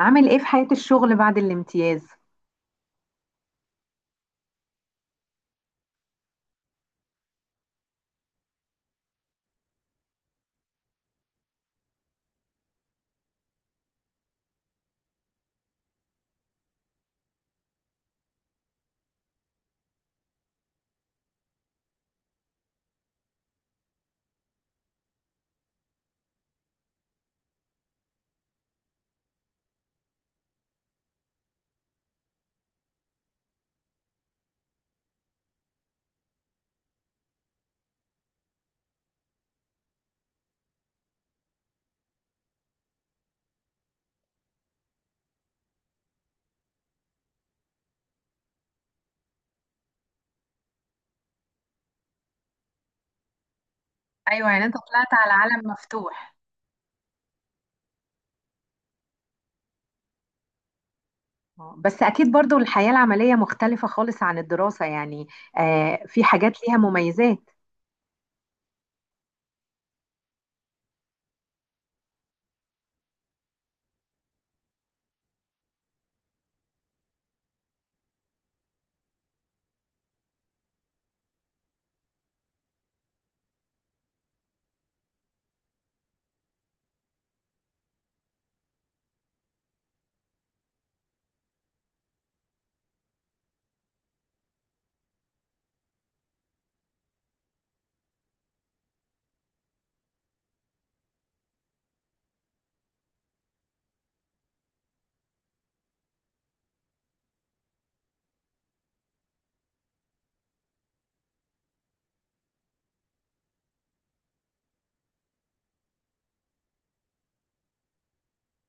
عامل ايه في حياة الشغل بعد الامتياز؟ ايوه، يعني انت طلعت على عالم مفتوح. آه. بس أكيد برضو الحياة العملية مختلفة خالص عن الدراسة يعني. آه، في حاجات ليها مميزات.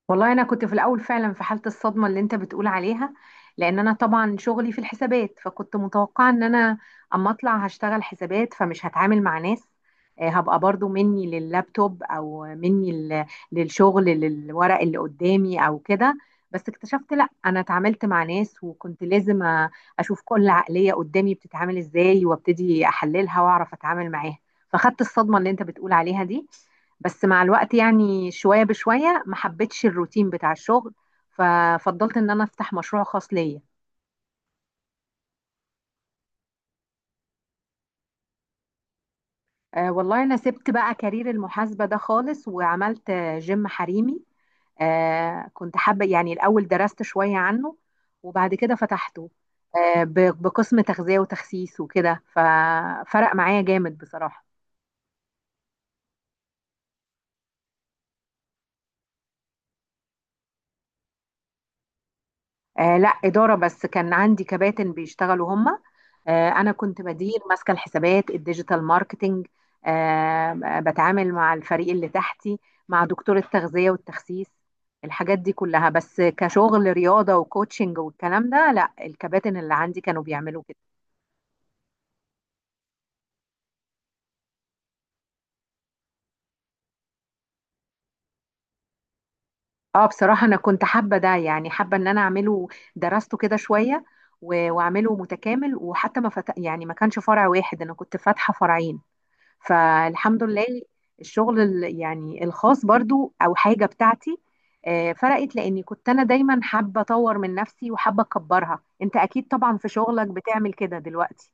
والله انا كنت في الاول فعلا في حاله الصدمه اللي انت بتقول عليها، لان انا طبعا شغلي في الحسابات، فكنت متوقعه ان انا اما اطلع هشتغل حسابات فمش هتعامل مع ناس. هبقى برضو مني لللابتوب او مني للشغل، للورق اللي قدامي او كده. بس اكتشفت لا، انا اتعاملت مع ناس وكنت لازم أ- اشوف كل عقليه قدامي بتتعامل ازاي، وابتدي احللها واعرف اتعامل معاها. فخدت الصدمه اللي انت بتقول عليها دي، بس مع الوقت يعني شوية بشوية ما حبيتش الروتين بتاع الشغل، ففضلت ان انا افتح مشروع خاص ليا. والله انا سبت بقى كارير المحاسبة ده خالص، وعملت جيم حريمي. كنت حابة، يعني الاول درست شوية عنه وبعد كده فتحته. بقسم تغذية وتخسيس وكده، ففرق معايا جامد بصراحة. لا، إدارة بس، كان عندي كباتن بيشتغلوا هما. أنا كنت بدير، ماسكة الحسابات، الديجيتال ماركتينج. آه. بتعامل مع الفريق اللي تحتي، مع دكتور التغذية والتخسيس، الحاجات دي كلها، بس كشغل رياضة وكوتشنج والكلام ده لا، الكباتن اللي عندي كانوا بيعملوا كده. اه بصراحة أنا كنت حابة ده، يعني حابة إن أنا أعمله. درسته كده شوية و- وأعمله متكامل، وحتى ما فت... يعني ما كانش فرع واحد، أنا كنت فاتحة فرعين، فالحمد لله. الشغل يعني الخاص برضو او حاجه بتاعتي، فرقت، لاني كنت انا دايما حابه اطور من نفسي وحابه اكبرها. انت اكيد طبعا في شغلك بتعمل كده دلوقتي.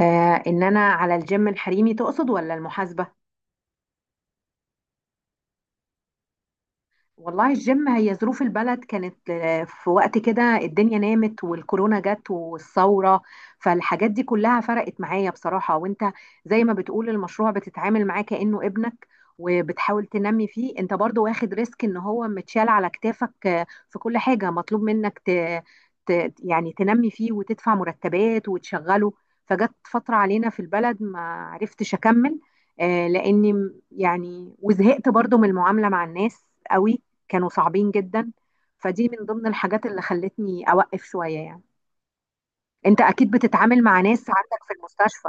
ان انا على الجيم الحريمي تقصد ولا المحاسبه؟ والله الجيم هي ظروف البلد، كانت في وقت كده الدنيا نامت والكورونا جت والثورة، فالحاجات دي كلها فرقت معايا بصراحة. وانت زي ما بتقول المشروع بتتعامل معاه كأنه ابنك، وبتحاول تنمي فيه، انت برضو واخد ريسك ان هو متشال على كتافك، في كل حاجة مطلوب منك يعني تنمي فيه وتدفع مرتبات وتشغله. فجت فترة علينا في البلد ما عرفتش اكمل، لاني يعني وزهقت برضو من المعاملة مع الناس قوي، كانوا صعبين جدا. فدي من ضمن الحاجات اللي خلتني أوقف شوية يعني. أنت أكيد بتتعامل مع ناس عندك في المستشفى.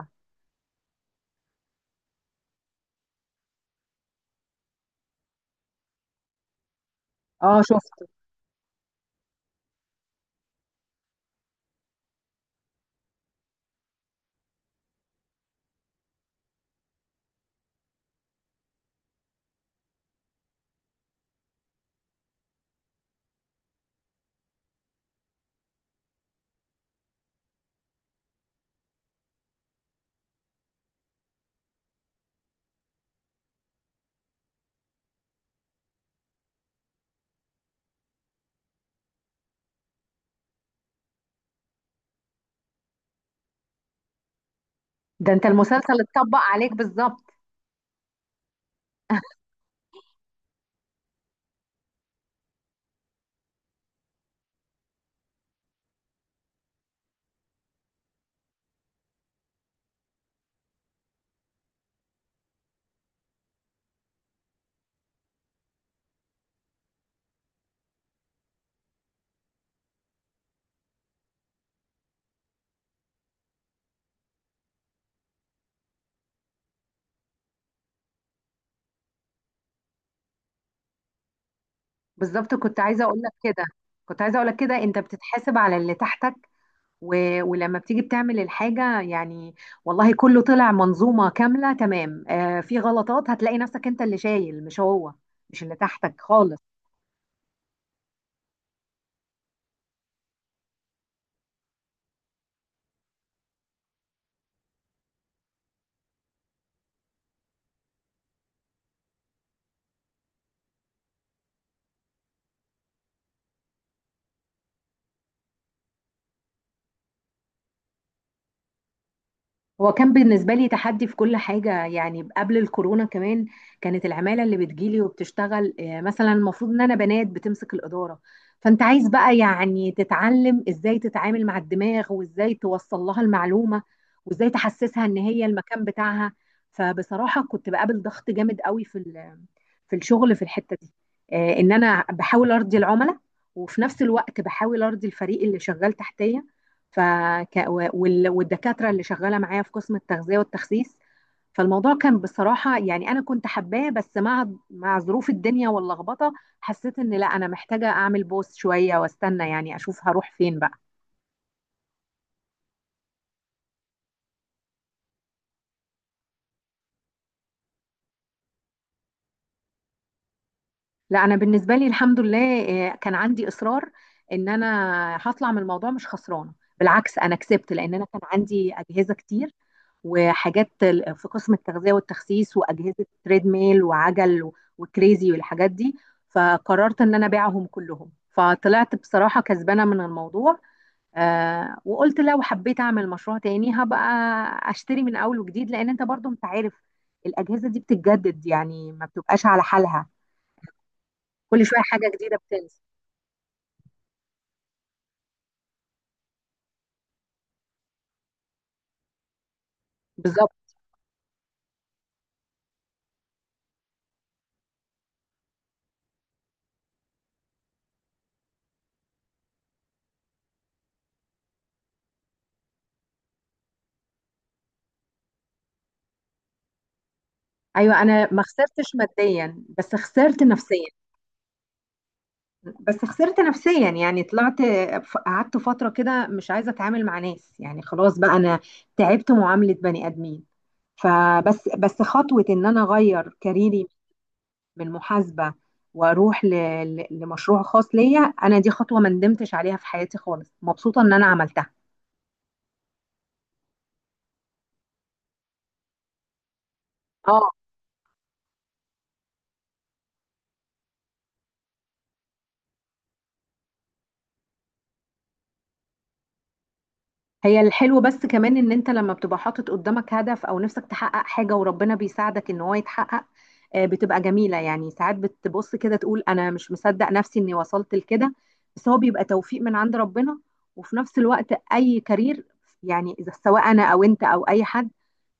اه، شفت. ده أنت المسلسل اتطبق عليك بالظبط. بالظبط، كنت عايزة أقول لك كده. أنت بتتحاسب على اللي تحتك و... ولما بتيجي بتعمل الحاجة يعني، والله كله طلع منظومة كاملة تمام. في غلطات هتلاقي نفسك أنت اللي شايل، مش هو، مش اللي تحتك خالص. هو كان بالنسبة لي تحدي في كل حاجة يعني، قبل الكورونا كمان كانت العمالة اللي بتجيلي وبتشتغل، مثلا المفروض ان انا بنات بتمسك الإدارة. فانت عايز بقى يعني تتعلم ازاي تتعامل مع الدماغ، وازاي توصل لها المعلومة، وازاي تحسسها ان هي المكان بتاعها. فبصراحة كنت بقابل ضغط جامد قوي في في الشغل في الحتة دي، ان انا بحاول ارضي العملاء وفي نفس الوقت بحاول ارضي الفريق اللي شغال تحتيا ف ك- و- وال- والدكاترة اللي شغالة معايا في قسم التغذية والتخسيس. فالموضوع كان بصراحة، يعني أنا كنت حباه، بس مع ظروف الدنيا واللخبطة حسيت إن لا، أنا محتاجة أعمل بوس شوية وأستنى، يعني أشوف هروح فين بقى. لا، أنا بالنسبة لي الحمد لله. كان عندي إصرار إن أنا هطلع من الموضوع مش خسرانة، بالعكس أنا كسبت. لأن أنا كان عندي أجهزة كتير وحاجات في قسم التغذية والتخسيس، وأجهزة تريد ميل وعجل و- وكريزي والحاجات دي، فقررت إن أنا أبيعهم كلهم، فطلعت بصراحة كسبانة من الموضوع. وقلت لو حبيت أعمل مشروع تاني هبقى أشتري من أول وجديد، لأن أنت برضو أنت عارف الأجهزة دي بتتجدد، يعني ما بتبقاش على حالها، كل شوية حاجة جديدة بتنزل. بالظبط. أيوة، أنا ما خسرتش ماديا بس خسرت نفسيا. بس خسرت نفسيا يعني طلعت، قعدت فترة كده مش عايزة اتعامل مع ناس يعني، خلاص بقى انا تعبت معاملة بني ادمين. فبس خطوة ان انا اغير كاريري من محاسبة، واروح لمشروع خاص ليا انا، دي خطوة ما ندمتش عليها في حياتي خالص، مبسوطة ان انا عملتها. اه. هي الحلو بس كمان ان انت لما بتبقى حاطط قدامك هدف او نفسك تحقق حاجة وربنا بيساعدك ان هو يتحقق، بتبقى جميلة يعني. ساعات بتبص كده تقول انا مش مصدق نفسي اني وصلت لكده، بس هو بيبقى توفيق من عند ربنا. وفي نفس الوقت اي كارير، يعني اذا سواء انا او انت او اي حد،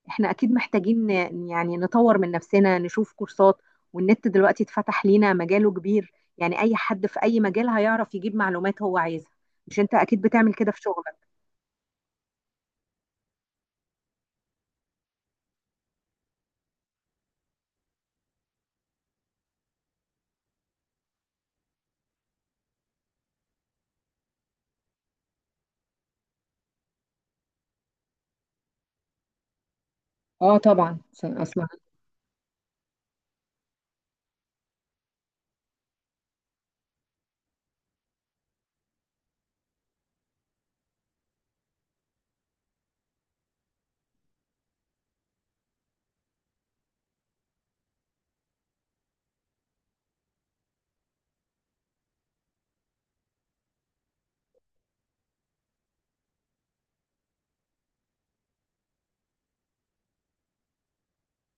احنا اكيد محتاجين يعني نطور من نفسنا، نشوف كورسات. والنت دلوقتي اتفتح لينا مجاله كبير، يعني اي حد في اي مجال هيعرف يجيب معلومات هو عايزها. مش انت اكيد بتعمل كده في شغلك. اه، طبعا، عشان اصلا.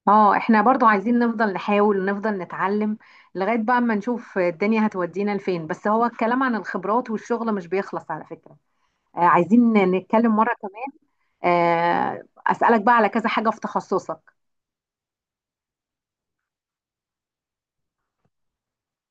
اه، احنا برضو عايزين نفضل نحاول ونفضل نتعلم، لغاية بقى ما نشوف الدنيا هتودينا لفين. بس هو الكلام عن الخبرات والشغل مش بيخلص على فكرة، عايزين نتكلم مرة كمان. أسألك بقى على كذا حاجة في تخصصك.